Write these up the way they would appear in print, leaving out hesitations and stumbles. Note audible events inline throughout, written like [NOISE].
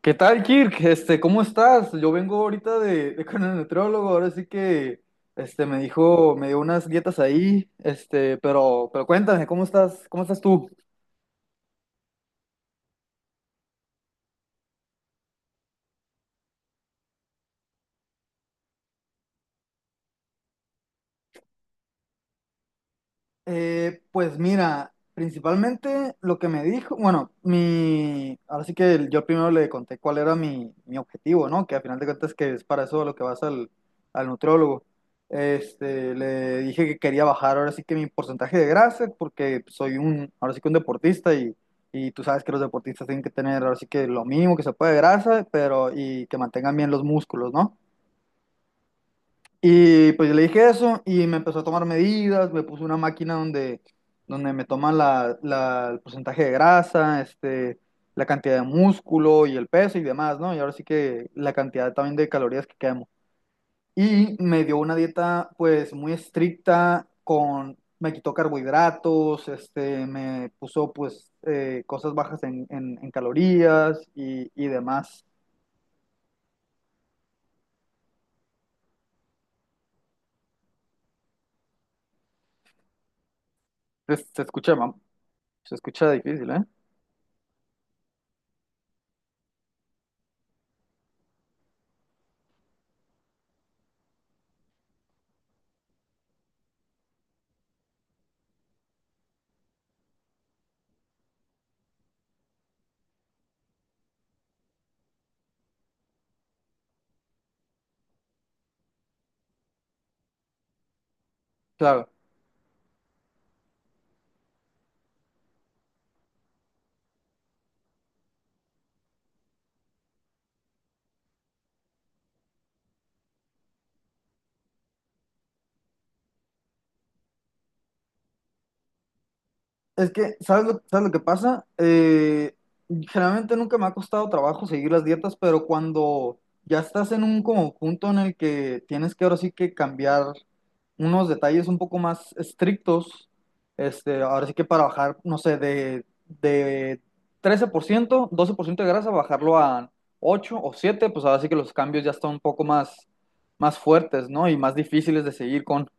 ¿Qué tal, Kirk? ¿Cómo estás? Yo vengo ahorita de con el nutriólogo, ahora sí que me dijo, me dio unas dietas ahí, pero cuéntame, ¿cómo estás? ¿Cómo estás tú? Pues mira, principalmente lo que me dijo, bueno, mi, ahora sí que yo primero le conté cuál era mi objetivo, ¿no? Que al final de cuentas que es para eso a lo que vas al nutriólogo. Le dije que quería bajar ahora sí que mi porcentaje de grasa, porque soy un, ahora sí que un deportista y tú sabes que los deportistas tienen que tener ahora sí que lo mínimo que se puede de grasa, pero y que mantengan bien los músculos, ¿no? Y pues yo le dije eso y me empezó a tomar medidas, me puso una máquina donde me toma el porcentaje de grasa, la cantidad de músculo y el peso y demás, ¿no? Y ahora sí que la cantidad también de calorías que quemo. Y me dio una dieta pues muy estricta con, me quitó carbohidratos, me puso pues cosas bajas en, en calorías y demás. Se escucha, se escucha difícil, ¿eh? Claro. Es que, ¿sabes lo que pasa? Generalmente nunca me ha costado trabajo seguir las dietas, pero cuando ya estás en un como punto en el que tienes que ahora sí que cambiar unos detalles un poco más estrictos, ahora sí que para bajar, no sé, de 13% 12% de grasa, bajarlo a 8% o 7% pues ahora sí que los cambios ya están un poco más fuertes, ¿no? Y más difíciles de seguir con. [LAUGHS]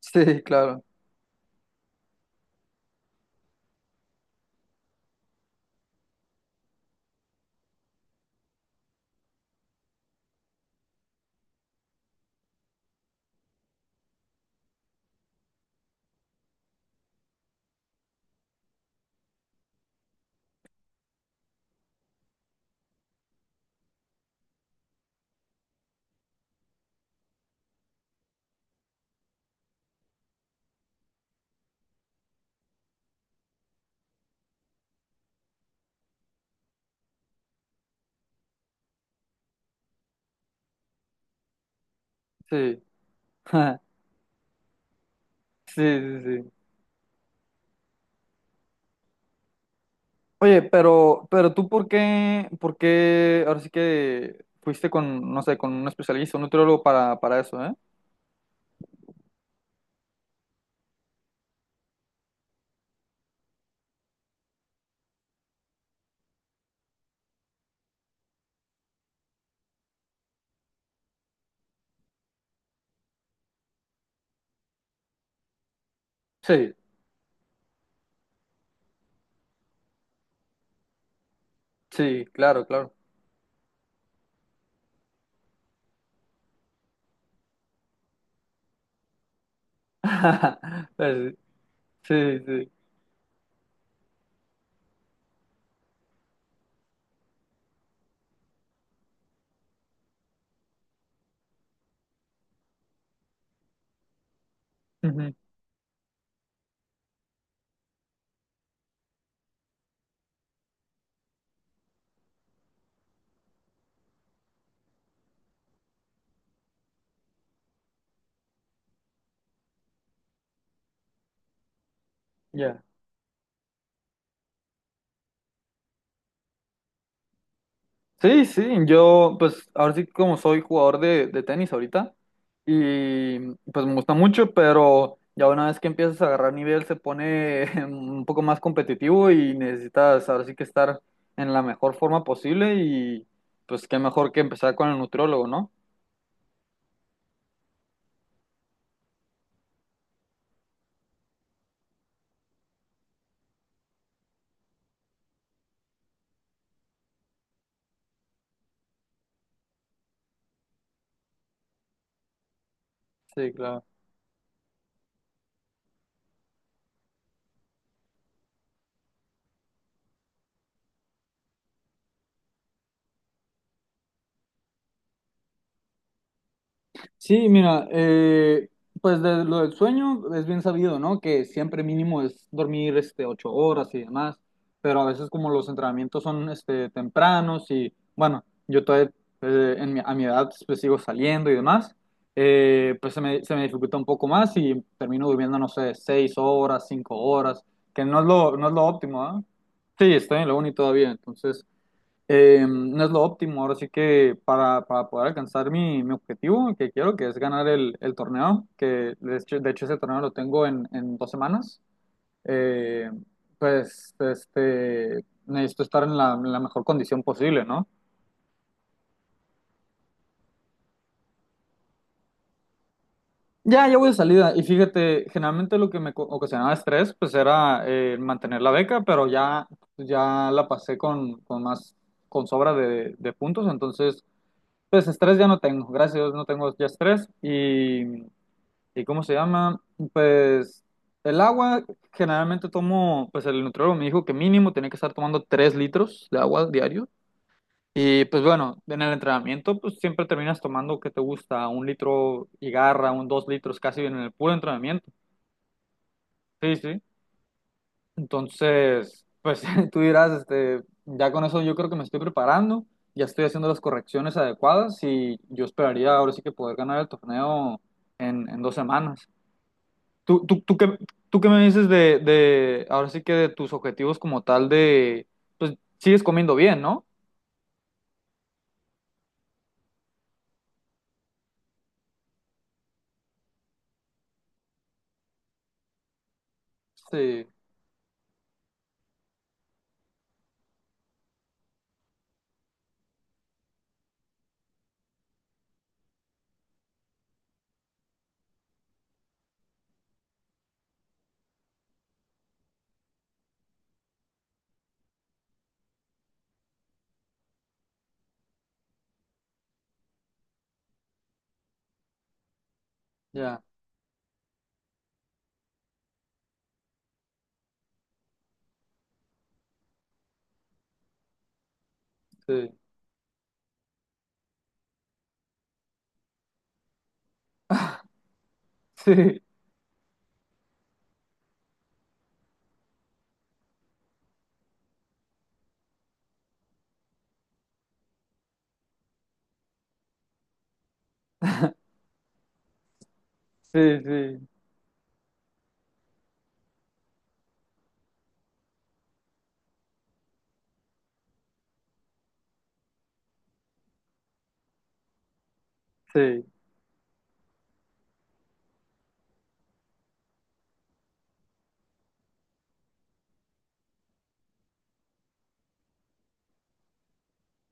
Sí, claro, sí. [LAUGHS] Sí, sí, sí. Oye, pero tú por qué ahora sí que fuiste con, no sé, con un especialista, un nutriólogo para eso, ¿eh? Sí, sí, claro, claro. [LAUGHS] Pues, sí, sí. Ujú. Ya. Sí, sí, yo pues ahora sí como soy jugador de tenis ahorita y pues me gusta mucho, pero ya una vez que empiezas a agarrar nivel se pone [LAUGHS] un poco más competitivo y necesitas ahora sí que estar en la mejor forma posible y pues qué mejor que empezar con el nutriólogo, ¿no? Sí, claro. Sí, mira, pues de lo del sueño es bien sabido, ¿no? Que siempre mínimo es dormir 8 horas y demás, pero a veces como los entrenamientos son tempranos y bueno, yo todavía en a mi edad pues sigo saliendo y demás, pues se me dificulta un poco más y termino durmiendo, no sé, 6 horas, 5 horas, que no es no es lo óptimo, ¿ah? Sí, estoy en la uni todavía, entonces no es lo óptimo. Ahora sí que para poder alcanzar mi objetivo que quiero, que es ganar el torneo, que de hecho ese torneo lo tengo en 2 semanas, eh, pues necesito estar en en la mejor condición posible, ¿no? Ya, ya voy de salida. Y fíjate, generalmente lo que me ocasionaba estrés, pues era mantener la beca, pero ya, ya la pasé con más, con sobra de puntos, entonces... Pues estrés ya no tengo, gracias a Dios no tengo ya estrés y ¿y cómo se llama? Pues el agua, generalmente tomo, pues el nutriólogo me dijo que mínimo tenía que estar tomando 3 litros de agua diario. Y pues bueno, en el entrenamiento pues siempre terminas tomando, ¿qué te gusta? Un litro y garra, un 2 litros casi en el puro entrenamiento. Sí, sí. Entonces, pues [LAUGHS] tú dirás, ya con eso yo creo que me estoy preparando, ya estoy haciendo las correcciones adecuadas y yo esperaría ahora sí que poder ganar el torneo en 2 semanas. ¿Tú qué, tú qué me dices ahora sí que de tus objetivos como tal de, pues sigues comiendo bien, ¿no? Sí, ya, sí, [LAUGHS] sí, sí, sí, sí.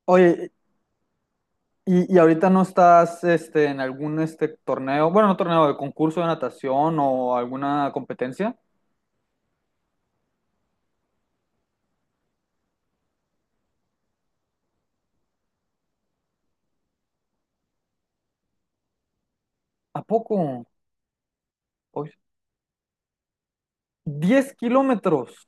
Oye, y ahorita no estás, en algún, torneo, bueno, no torneo, de concurso de natación o alguna competencia. ¿A poco? Oye, 10 kilómetros.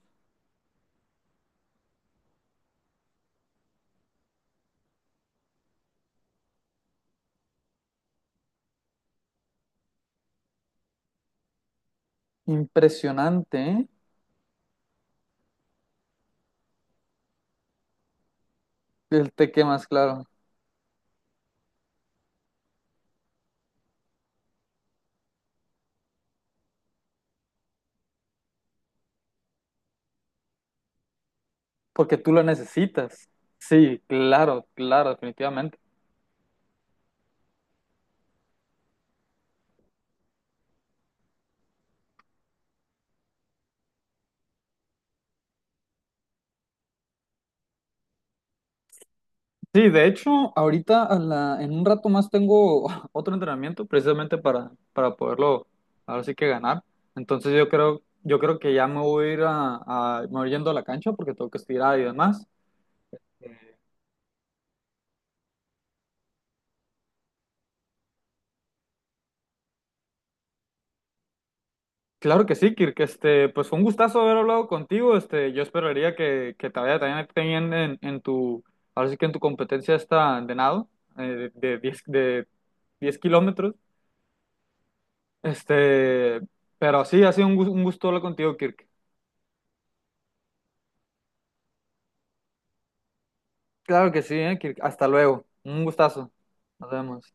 Impresionante, ¿eh? El te quemas, claro, porque tú lo necesitas. Sí, claro, claro, definitivamente. Sí, de hecho, ahorita a en un rato más tengo [LAUGHS] otro entrenamiento precisamente para poderlo ahora sí que ganar. Yo creo que ya me voy a ir a, me voy yendo a la cancha porque tengo que estirar y demás. Claro que sí, Kirk, pues fue un gustazo haber hablado contigo. Este, yo esperaría que te vaya también bien en tu, ahora sí que en tu competencia esta de nado, de 10 kilómetros. Este, pero sí, ha sido un, un gusto hablar contigo, Kirk. Claro que sí, ¿eh? Kirk. Hasta luego. Un gustazo. Nos vemos.